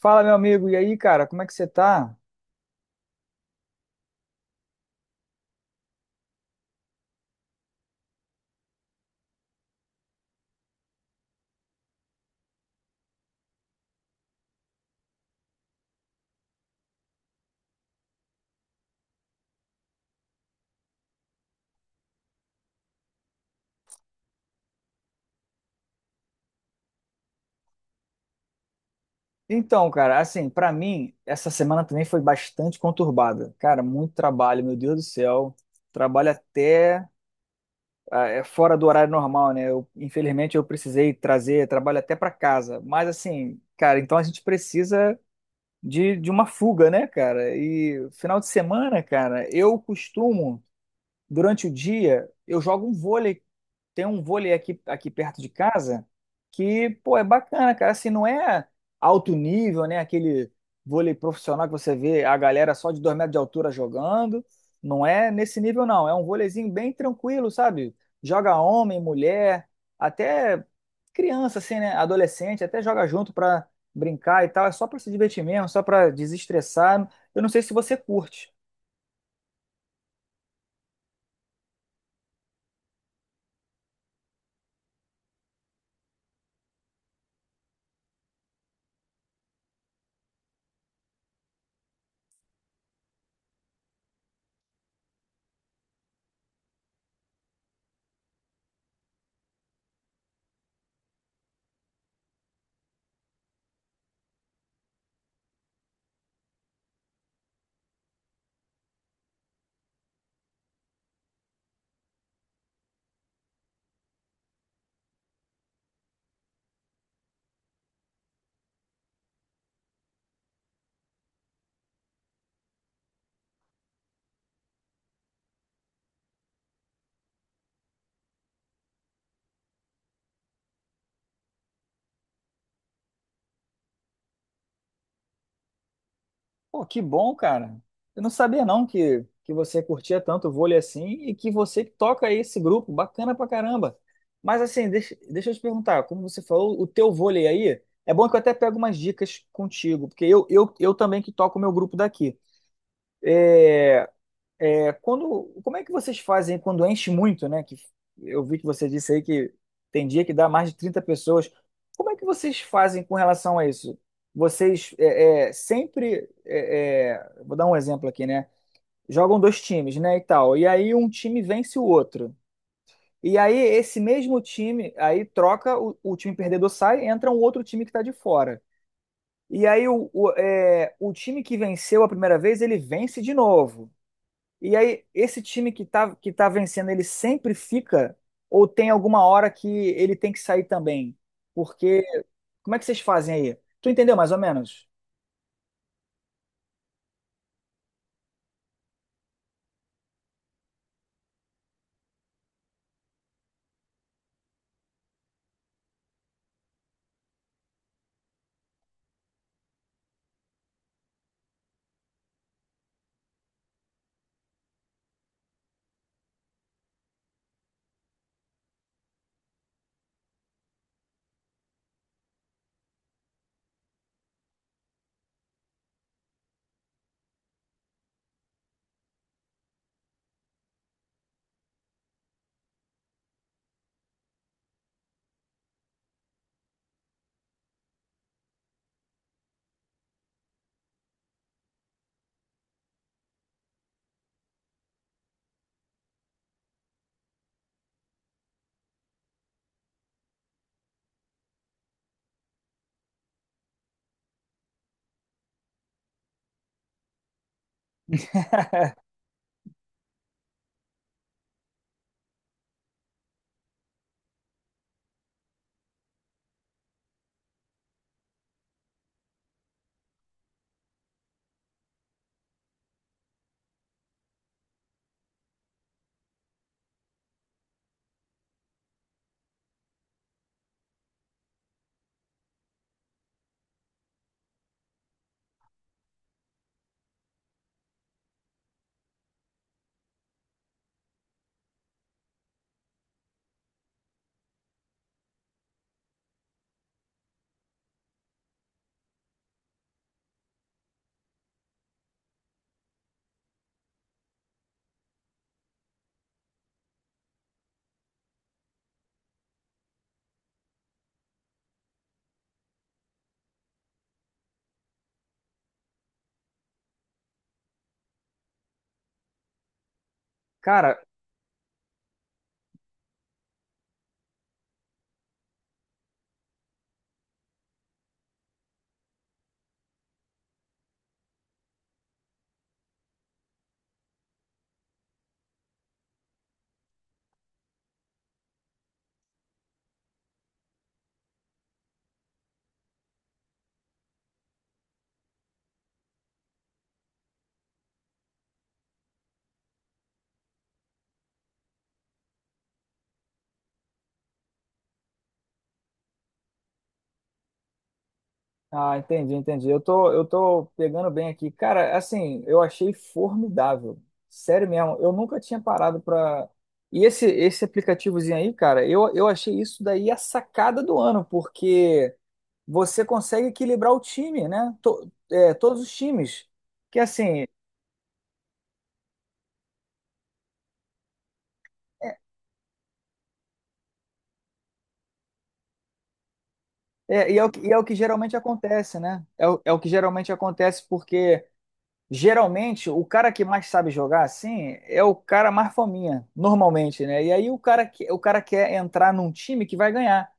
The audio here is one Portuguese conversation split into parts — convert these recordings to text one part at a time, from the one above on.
Fala, meu amigo, e aí, cara, como é que você tá? Então, cara, assim, pra mim, essa semana também foi bastante conturbada. Cara, muito trabalho, meu Deus do céu. Trabalho até é fora do horário normal, né? Eu, infelizmente, eu precisei trazer trabalho até pra casa. Mas, assim, cara, então a gente precisa de uma fuga, né, cara? E final de semana, cara, eu costumo, durante o dia, eu jogo um vôlei tem um vôlei aqui, aqui perto de casa que, pô, é bacana, cara. Assim, não é alto nível, né? Aquele vôlei profissional que você vê a galera só de 2 metros de altura jogando. Não é nesse nível, não. É um vôleizinho bem tranquilo, sabe? Joga homem, mulher, até criança, assim, né? Adolescente, até joga junto pra brincar e tal. É só pra se divertir mesmo, só pra desestressar. Eu não sei se você curte. Pô, que bom, cara. Eu não sabia não que você curtia tanto vôlei assim e que você toca esse grupo, bacana pra caramba. Mas assim, deixa eu te perguntar, como você falou, o teu vôlei aí, é bom que eu até pego umas dicas contigo, porque eu também que toco o meu grupo daqui. É, quando, como é que vocês fazem quando enche muito, né? Que eu vi que você disse aí que tem dia que dá mais de 30 pessoas. Como é que vocês fazem com relação a isso? Vocês vou dar um exemplo aqui, né? Jogam dois times, né, e tal. E aí um time vence o outro. E aí esse mesmo time, aí troca, o time perdedor sai, entra um outro time que tá de fora. E aí o time que venceu a primeira vez, ele vence de novo. E aí esse time que tá vencendo, ele sempre fica ou tem alguma hora que ele tem que sair também? Porque como é que vocês fazem aí? Tu entendeu mais ou menos? Cara, ah, entendi, entendi. Eu tô pegando bem aqui. Cara, assim, eu achei formidável. Sério mesmo, eu nunca tinha parado pra. E esse aplicativozinho aí, cara, eu achei isso daí a sacada do ano, porque você consegue equilibrar o time, né? Todos os times. Que assim, é o que geralmente acontece, né? É o, é o que geralmente acontece porque. Geralmente, o cara que mais sabe jogar assim é o cara mais fominha, normalmente, né? E aí o o cara quer entrar num time que vai ganhar.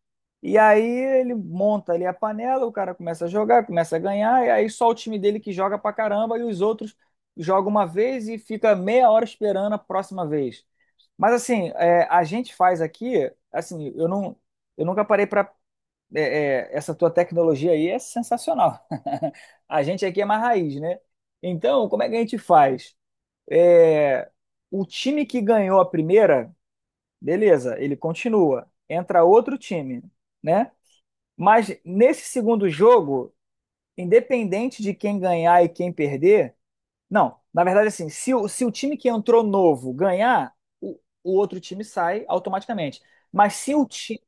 E aí ele monta ali a panela, o cara começa a jogar, começa a ganhar, e aí só o time dele que joga pra caramba e os outros jogam uma vez e fica meia hora esperando a próxima vez. Mas assim, é, a gente faz aqui, assim, eu nunca parei para é, essa tua tecnologia aí é sensacional. A gente aqui é mais raiz, né? Então, como é que a gente faz? É, o time que ganhou a primeira, beleza, ele continua. Entra outro time, né? Mas nesse segundo jogo, independente de quem ganhar e quem perder, não, na verdade, assim, se o time que entrou novo ganhar, o outro time sai automaticamente. Mas se o, ti-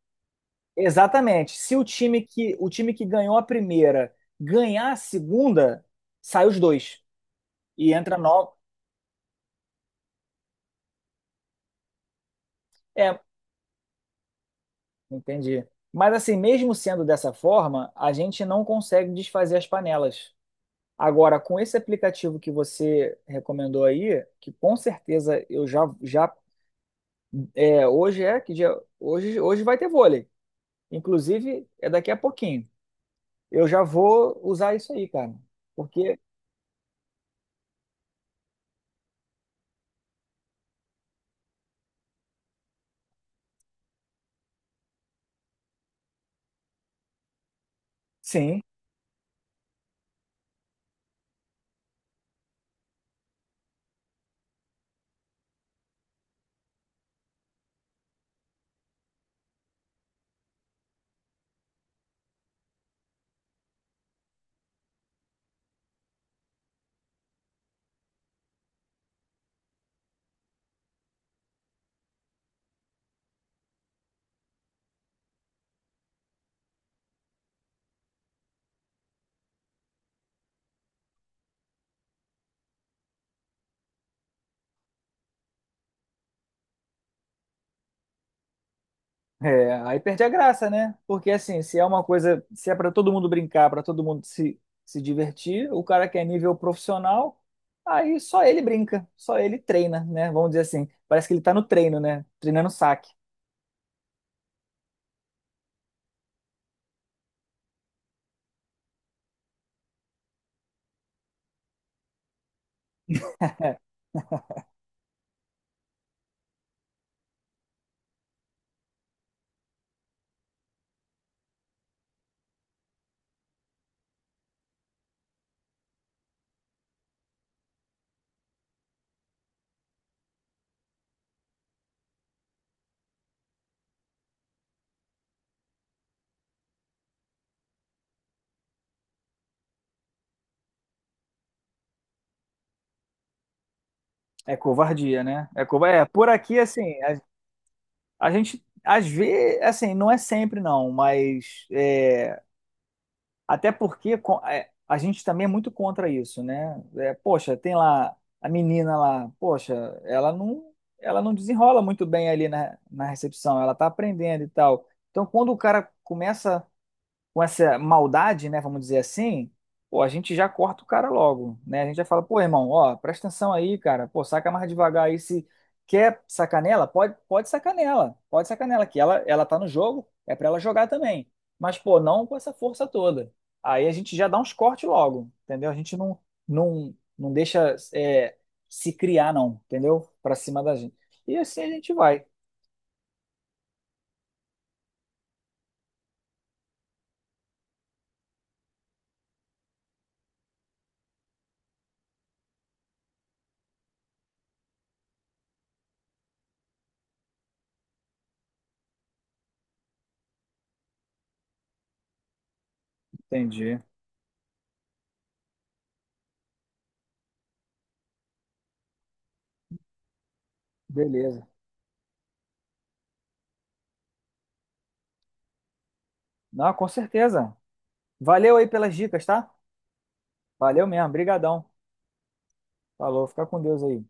Exatamente. Se o time que o time que ganhou a primeira ganhar a segunda, sai os dois e entra nove. É, entendi. Mas assim, mesmo sendo dessa forma, a gente não consegue desfazer as panelas. Agora, com esse aplicativo que você recomendou aí, que com certeza eu já é, hoje é que dia, hoje vai ter vôlei. Inclusive, é daqui a pouquinho. Eu já vou usar isso aí, cara. Porque sim, é, aí perde a graça, né? Porque assim, se é uma coisa, se é para todo mundo brincar, para todo mundo se, se divertir, o cara que é nível profissional, aí só ele brinca, só ele treina, né? Vamos dizer assim, parece que ele tá no treino, né? Treinando saque. É covardia, né? É por aqui assim, a gente às vezes, assim, não é sempre não, mas é, até porque a gente também é muito contra isso, né? É, poxa, tem lá a menina lá, poxa, ela não, ela não desenrola muito bem ali na recepção, ela tá aprendendo e tal. Então, quando o cara começa com essa maldade, né, vamos dizer assim, pô, a gente já corta o cara logo, né? A gente já fala, pô, irmão, ó, presta atenção aí, cara, pô, saca mais devagar aí, se quer sacanela, pode, pode sacanela, que ela tá no jogo, é pra ela jogar também, mas, pô, não com essa força toda. Aí a gente já dá uns cortes logo, entendeu? A gente não, não, não deixa se criar, não, entendeu? Pra cima da gente. E assim a gente vai. Entendi. Beleza. Não, com certeza. Valeu aí pelas dicas, tá? Valeu mesmo, brigadão. Falou, fica com Deus aí.